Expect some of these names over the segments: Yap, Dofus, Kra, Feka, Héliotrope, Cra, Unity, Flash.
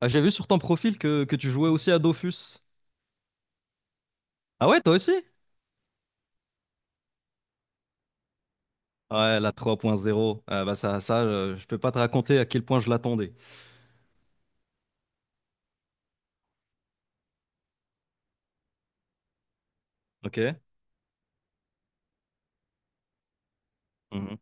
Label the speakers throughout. Speaker 1: Ah, j'ai vu sur ton profil que tu jouais aussi à Dofus. Ah ouais, toi aussi? Ouais, la 3.0. Ah bah ça, ça je peux pas te raconter à quel point je l'attendais. Ok? Mhm.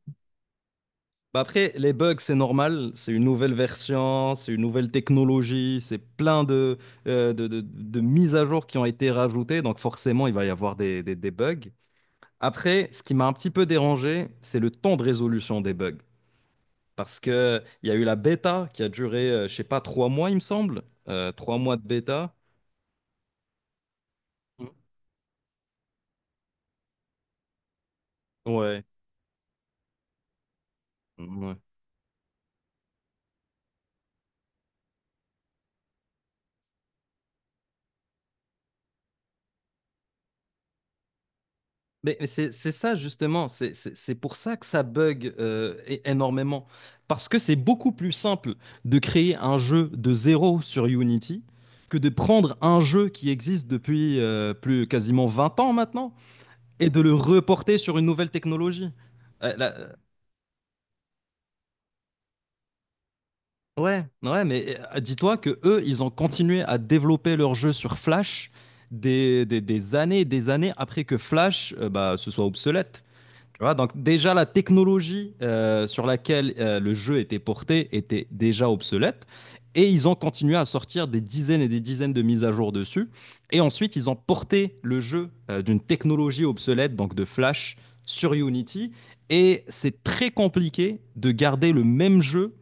Speaker 1: Bah après, les bugs, c'est normal. C'est une nouvelle version, c'est une nouvelle technologie, c'est plein de mises à jour qui ont été rajoutées. Donc forcément, il va y avoir des bugs. Après, ce qui m'a un petit peu dérangé, c'est le temps de résolution des bugs. Parce que il y a eu la bêta qui a duré, je sais pas, 3 mois, il me semble. 3 mois de bêta. Ouais, ouais. Mais c'est ça justement, c'est pour ça que ça bug énormément. Parce que c'est beaucoup plus simple de créer un jeu de zéro sur Unity que de prendre un jeu qui existe depuis plus quasiment 20 ans maintenant et de le reporter sur une nouvelle technologie. Euh, la- euh, ouais, ouais, mais dis-toi que eux, ils ont continué à développer leur jeu sur Flash des années et des années après que Flash bah, se soit obsolète. Tu vois, donc déjà la technologie sur laquelle le jeu était porté était déjà obsolète. Et ils ont continué à sortir des dizaines et des dizaines de mises à jour dessus. Et ensuite, ils ont porté le jeu d'une technologie obsolète, donc de Flash, sur Unity. Et c'est très compliqué de garder le même jeu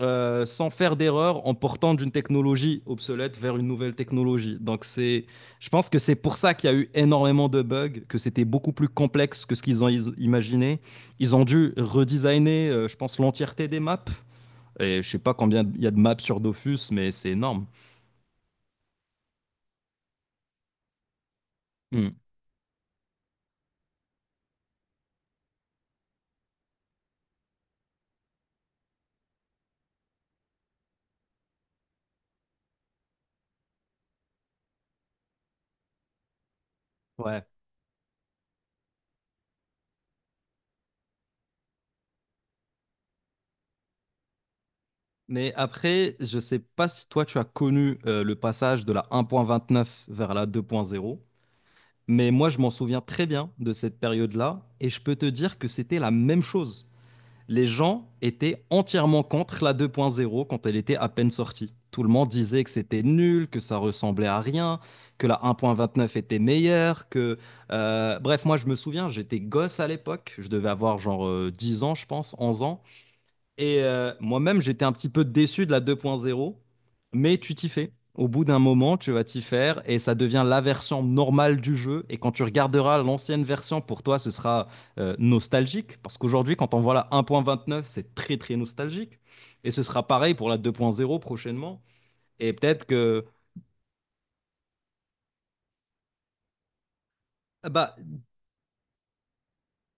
Speaker 1: sans faire d'erreur en portant d'une technologie obsolète vers une nouvelle technologie. Donc c'est, je pense que c'est pour ça qu'il y a eu énormément de bugs, que c'était beaucoup plus complexe que ce qu'ils ont imaginé. Ils ont dû redesigner, je pense, l'entièreté des maps. Et je sais pas combien il y a de maps sur Dofus, mais c'est énorme. Hmm. Ouais. Mais après, je sais pas si toi tu as connu le passage de la 1.29 vers la 2.0. Mais moi, je m'en souviens très bien de cette période-là, et je peux te dire que c'était la même chose. Les gens étaient entièrement contre la 2.0 quand elle était à peine sortie. Tout le monde disait que c'était nul, que ça ressemblait à rien, que la 1.29 était meilleure, Bref, moi je me souviens, j'étais gosse à l'époque, je devais avoir genre 10 ans je pense, 11 ans, et moi-même, j'étais un petit peu déçu de la 2.0, mais tu t'y fais. Au bout d'un moment, tu vas t'y faire et ça devient la version normale du jeu. Et quand tu regarderas l'ancienne version, pour toi, ce sera nostalgique. Parce qu'aujourd'hui, quand on voit la 1.29, c'est très, très nostalgique. Et ce sera pareil pour la 2.0 prochainement. Et peut-être que bah,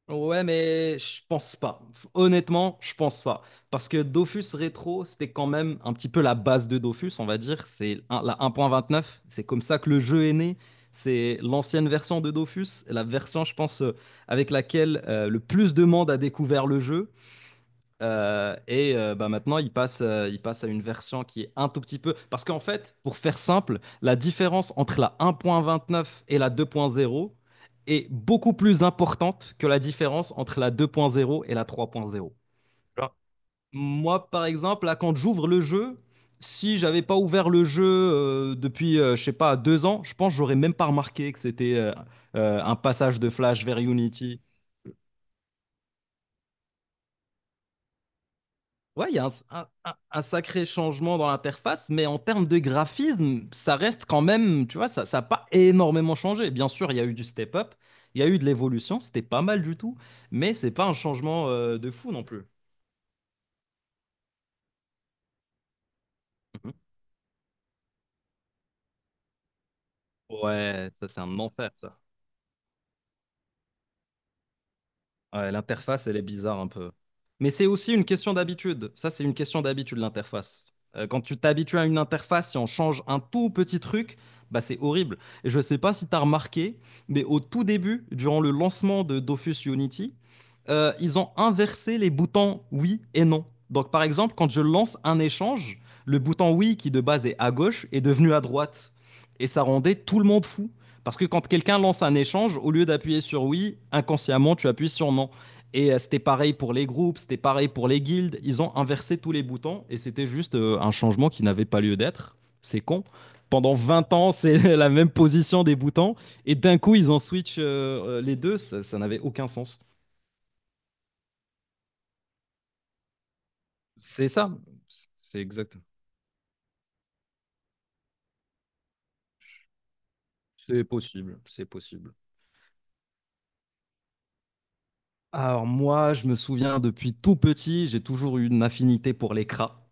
Speaker 1: ouais, mais je pense pas. Honnêtement, je pense pas. Parce que Dofus Rétro, c'était quand même un petit peu la base de Dofus, on va dire. La neuf. C'est comme ça que le jeu est né. C'est l'ancienne version de Dofus, la version, je pense, avec laquelle le plus de monde a découvert le jeu. Et bah, maintenant, il passe à une version qui est un tout petit peu. Parce qu'en fait, pour faire simple, la différence entre la 1.29 et la 2.0 est beaucoup plus importante que la différence entre la 2.0 et la 3.0. Genre, moi, par exemple, là, quand j'ouvre le jeu, si j'avais pas ouvert le jeu depuis, je sais pas, 2 ans, je pense que j'aurais même pas remarqué que c'était un passage de Flash vers Unity. Ouais, il y a un sacré changement dans l'interface, mais en termes de graphisme, ça reste quand même, tu vois, ça n'a pas énormément changé. Bien sûr, il y a eu du step-up, il y a eu de l'évolution, c'était pas mal du tout, mais c'est pas un changement de fou non plus. Mhm. Ouais, ça c'est un enfer, ça. Ouais, l'interface, elle est bizarre un peu. Mais c'est aussi une question d'habitude. Ça, c'est une question d'habitude, l'interface. Quand tu t'habitues à une interface, si on change un tout petit truc, bah, c'est horrible. Et je ne sais pas si tu as remarqué, mais au tout début, durant le lancement de Dofus Unity, ils ont inversé les boutons oui et non. Donc, par exemple, quand je lance un échange, le bouton oui, qui de base est à gauche, est devenu à droite. Et ça rendait tout le monde fou. Parce que quand quelqu'un lance un échange, au lieu d'appuyer sur oui, inconsciemment, tu appuies sur non. Et c'était pareil pour les groupes, c'était pareil pour les guildes. Ils ont inversé tous les boutons et c'était juste un changement qui n'avait pas lieu d'être. C'est con. Pendant 20 ans, c'est la même position des boutons et d'un coup, ils en switch les deux. Ça n'avait aucun sens. C'est ça. C'est exact. C'est possible. C'est possible. Alors moi, je me souviens depuis tout petit, j'ai toujours eu une affinité pour les cras.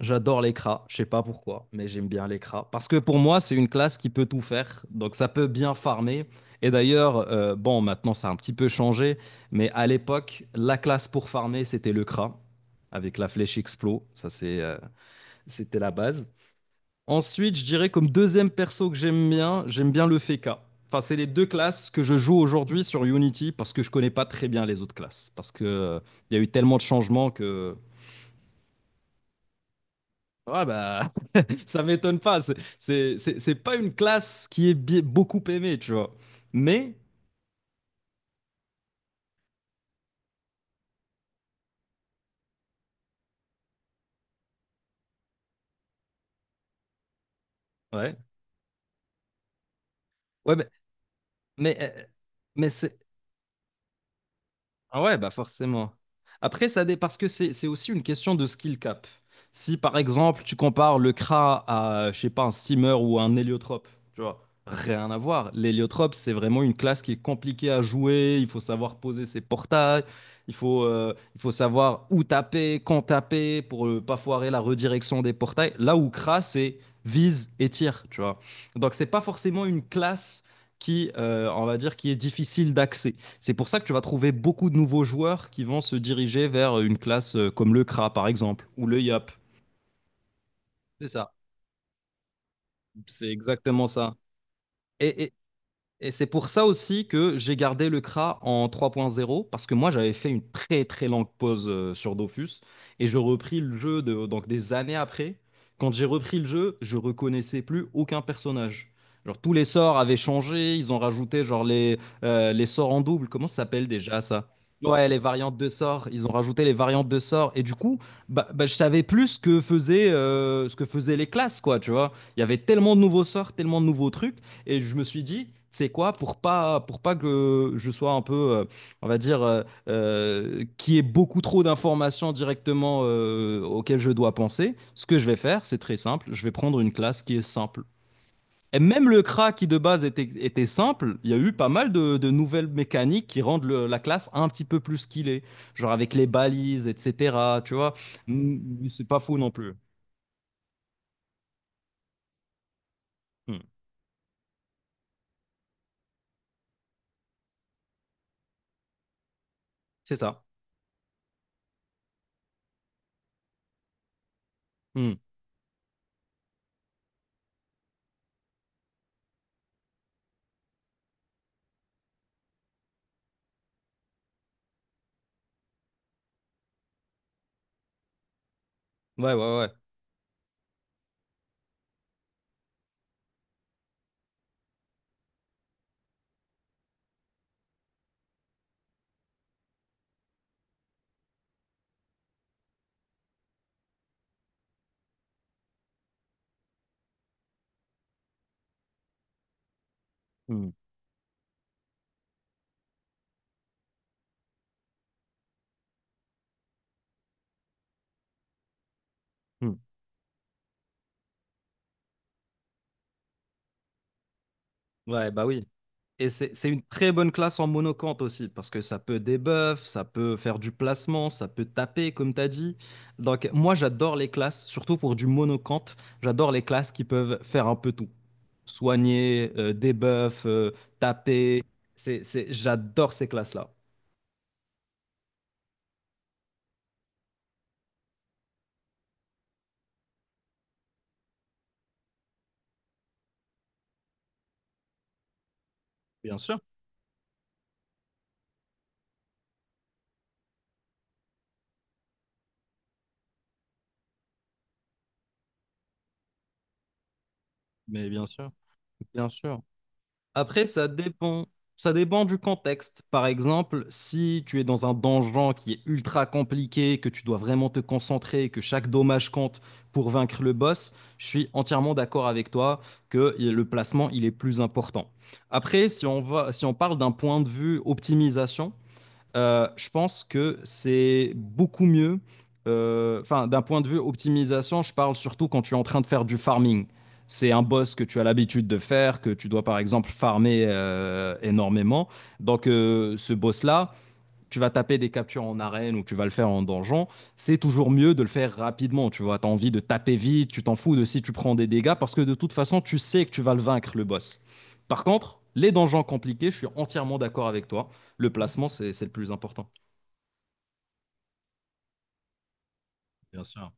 Speaker 1: J'adore l'écra, je sais pas pourquoi, mais j'aime bien l'écra. Parce que pour moi, c'est une classe qui peut tout faire, donc ça peut bien farmer. Et d'ailleurs, bon, maintenant ça a un petit peu changé, mais à l'époque, la classe pour farmer, c'était le cra, avec la flèche explo, c'était la base. Ensuite, je dirais comme deuxième perso que j'aime bien le Feka. Enfin, c'est les deux classes que je joue aujourd'hui sur Unity parce que je connais pas très bien les autres classes. Parce que il y a eu tellement de changements que. Ouais, bah, ça m'étonne pas. C'est pas une classe qui est beaucoup aimée, tu vois. Mais, ouais. Ouais, mais, euh, mais c'est-. Ah ouais, bah forcément. Après, parce que c'est aussi une question de skill cap. Si par exemple tu compares le Kra à, je sais pas, un steamer ou un héliotrope, tu vois, rien à voir. L'héliotrope, c'est vraiment une classe qui est compliquée à jouer. Il faut savoir poser ses portails, il faut savoir où taper, quand taper pour ne pas foirer la redirection des portails. Là où Kra, c'est vise et tire, tu vois. Donc c'est pas forcément une classe qui, on va dire, qui est difficile d'accès. C'est pour ça que tu vas trouver beaucoup de nouveaux joueurs qui vont se diriger vers une classe comme le Kra, par exemple, ou le Yap. C'est ça. C'est exactement ça. Et, et, Et c'est pour ça aussi que j'ai gardé le CRA en 3.0, parce que moi j'avais fait une très très longue pause sur Dofus, et je repris le jeu donc des années après. Quand j'ai repris le jeu, je reconnaissais plus aucun personnage. Genre tous les sorts avaient changé, ils ont rajouté genre les sorts en double, comment ça s'appelle déjà ça? Ouais, les variantes de sorts, ils ont rajouté les variantes de sorts, et du coup, bah, bah, je savais plus ce que faisaient les classes, quoi, tu vois. Il y avait tellement de nouveaux sorts, tellement de nouveaux trucs et je me suis dit, c'est quoi pour pas que je sois un peu on va dire qu'il y ait beaucoup trop d'informations directement auxquelles je dois penser. Ce que je vais faire, c'est très simple, je vais prendre une classe qui est simple. Et même le CRA qui de base était simple, il y a eu pas mal de nouvelles mécaniques qui rendent la classe un petit peu plus qu'il est. Genre avec les balises, etc. Tu vois. Mm. C'est pas fou non plus. Mm. C'est ça. Mm. Ouais, ouais, ouais. Mm. Mm. Ouais, bah oui. Et c'est une très bonne classe en monocante aussi, parce que ça peut débuff, ça peut faire du placement, ça peut taper, comme tu as dit. Donc, moi, j'adore les classes, surtout pour du monocante, j'adore les classes qui peuvent faire un peu tout. Soigner, débuff, taper. J'adore ces classes-là. Bien sûr, mais bien sûr, bien sûr. Après, ça dépend. Ça dépend du contexte. Par exemple, si tu es dans un donjon qui est ultra compliqué, que tu dois vraiment te concentrer, que chaque dommage compte pour vaincre le boss, je suis entièrement d'accord avec toi que le placement, il est plus important. Après, si on parle d'un point de vue optimisation, je pense que c'est beaucoup mieux. Enfin, d'un point de vue optimisation, je parle surtout quand tu es en train de faire du farming. C'est un boss que tu as l'habitude de faire, que tu dois par exemple farmer énormément. Donc, ce boss-là, tu vas taper des captures en arène ou tu vas le faire en donjon, c'est toujours mieux de le faire rapidement. Tu vois, tu as envie de taper vite, tu t'en fous de si tu prends des dégâts parce que de toute façon, tu sais que tu vas le vaincre, le boss. Par contre, les donjons compliqués, je suis entièrement d'accord avec toi. Le placement, c'est le plus important. Bien sûr.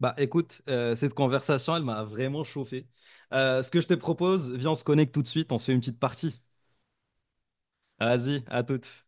Speaker 1: Bah écoute, cette conversation, elle m'a vraiment chauffé. Ce que je te propose, viens, on se connecte tout de suite, on se fait une petite partie. Vas-y, à toute.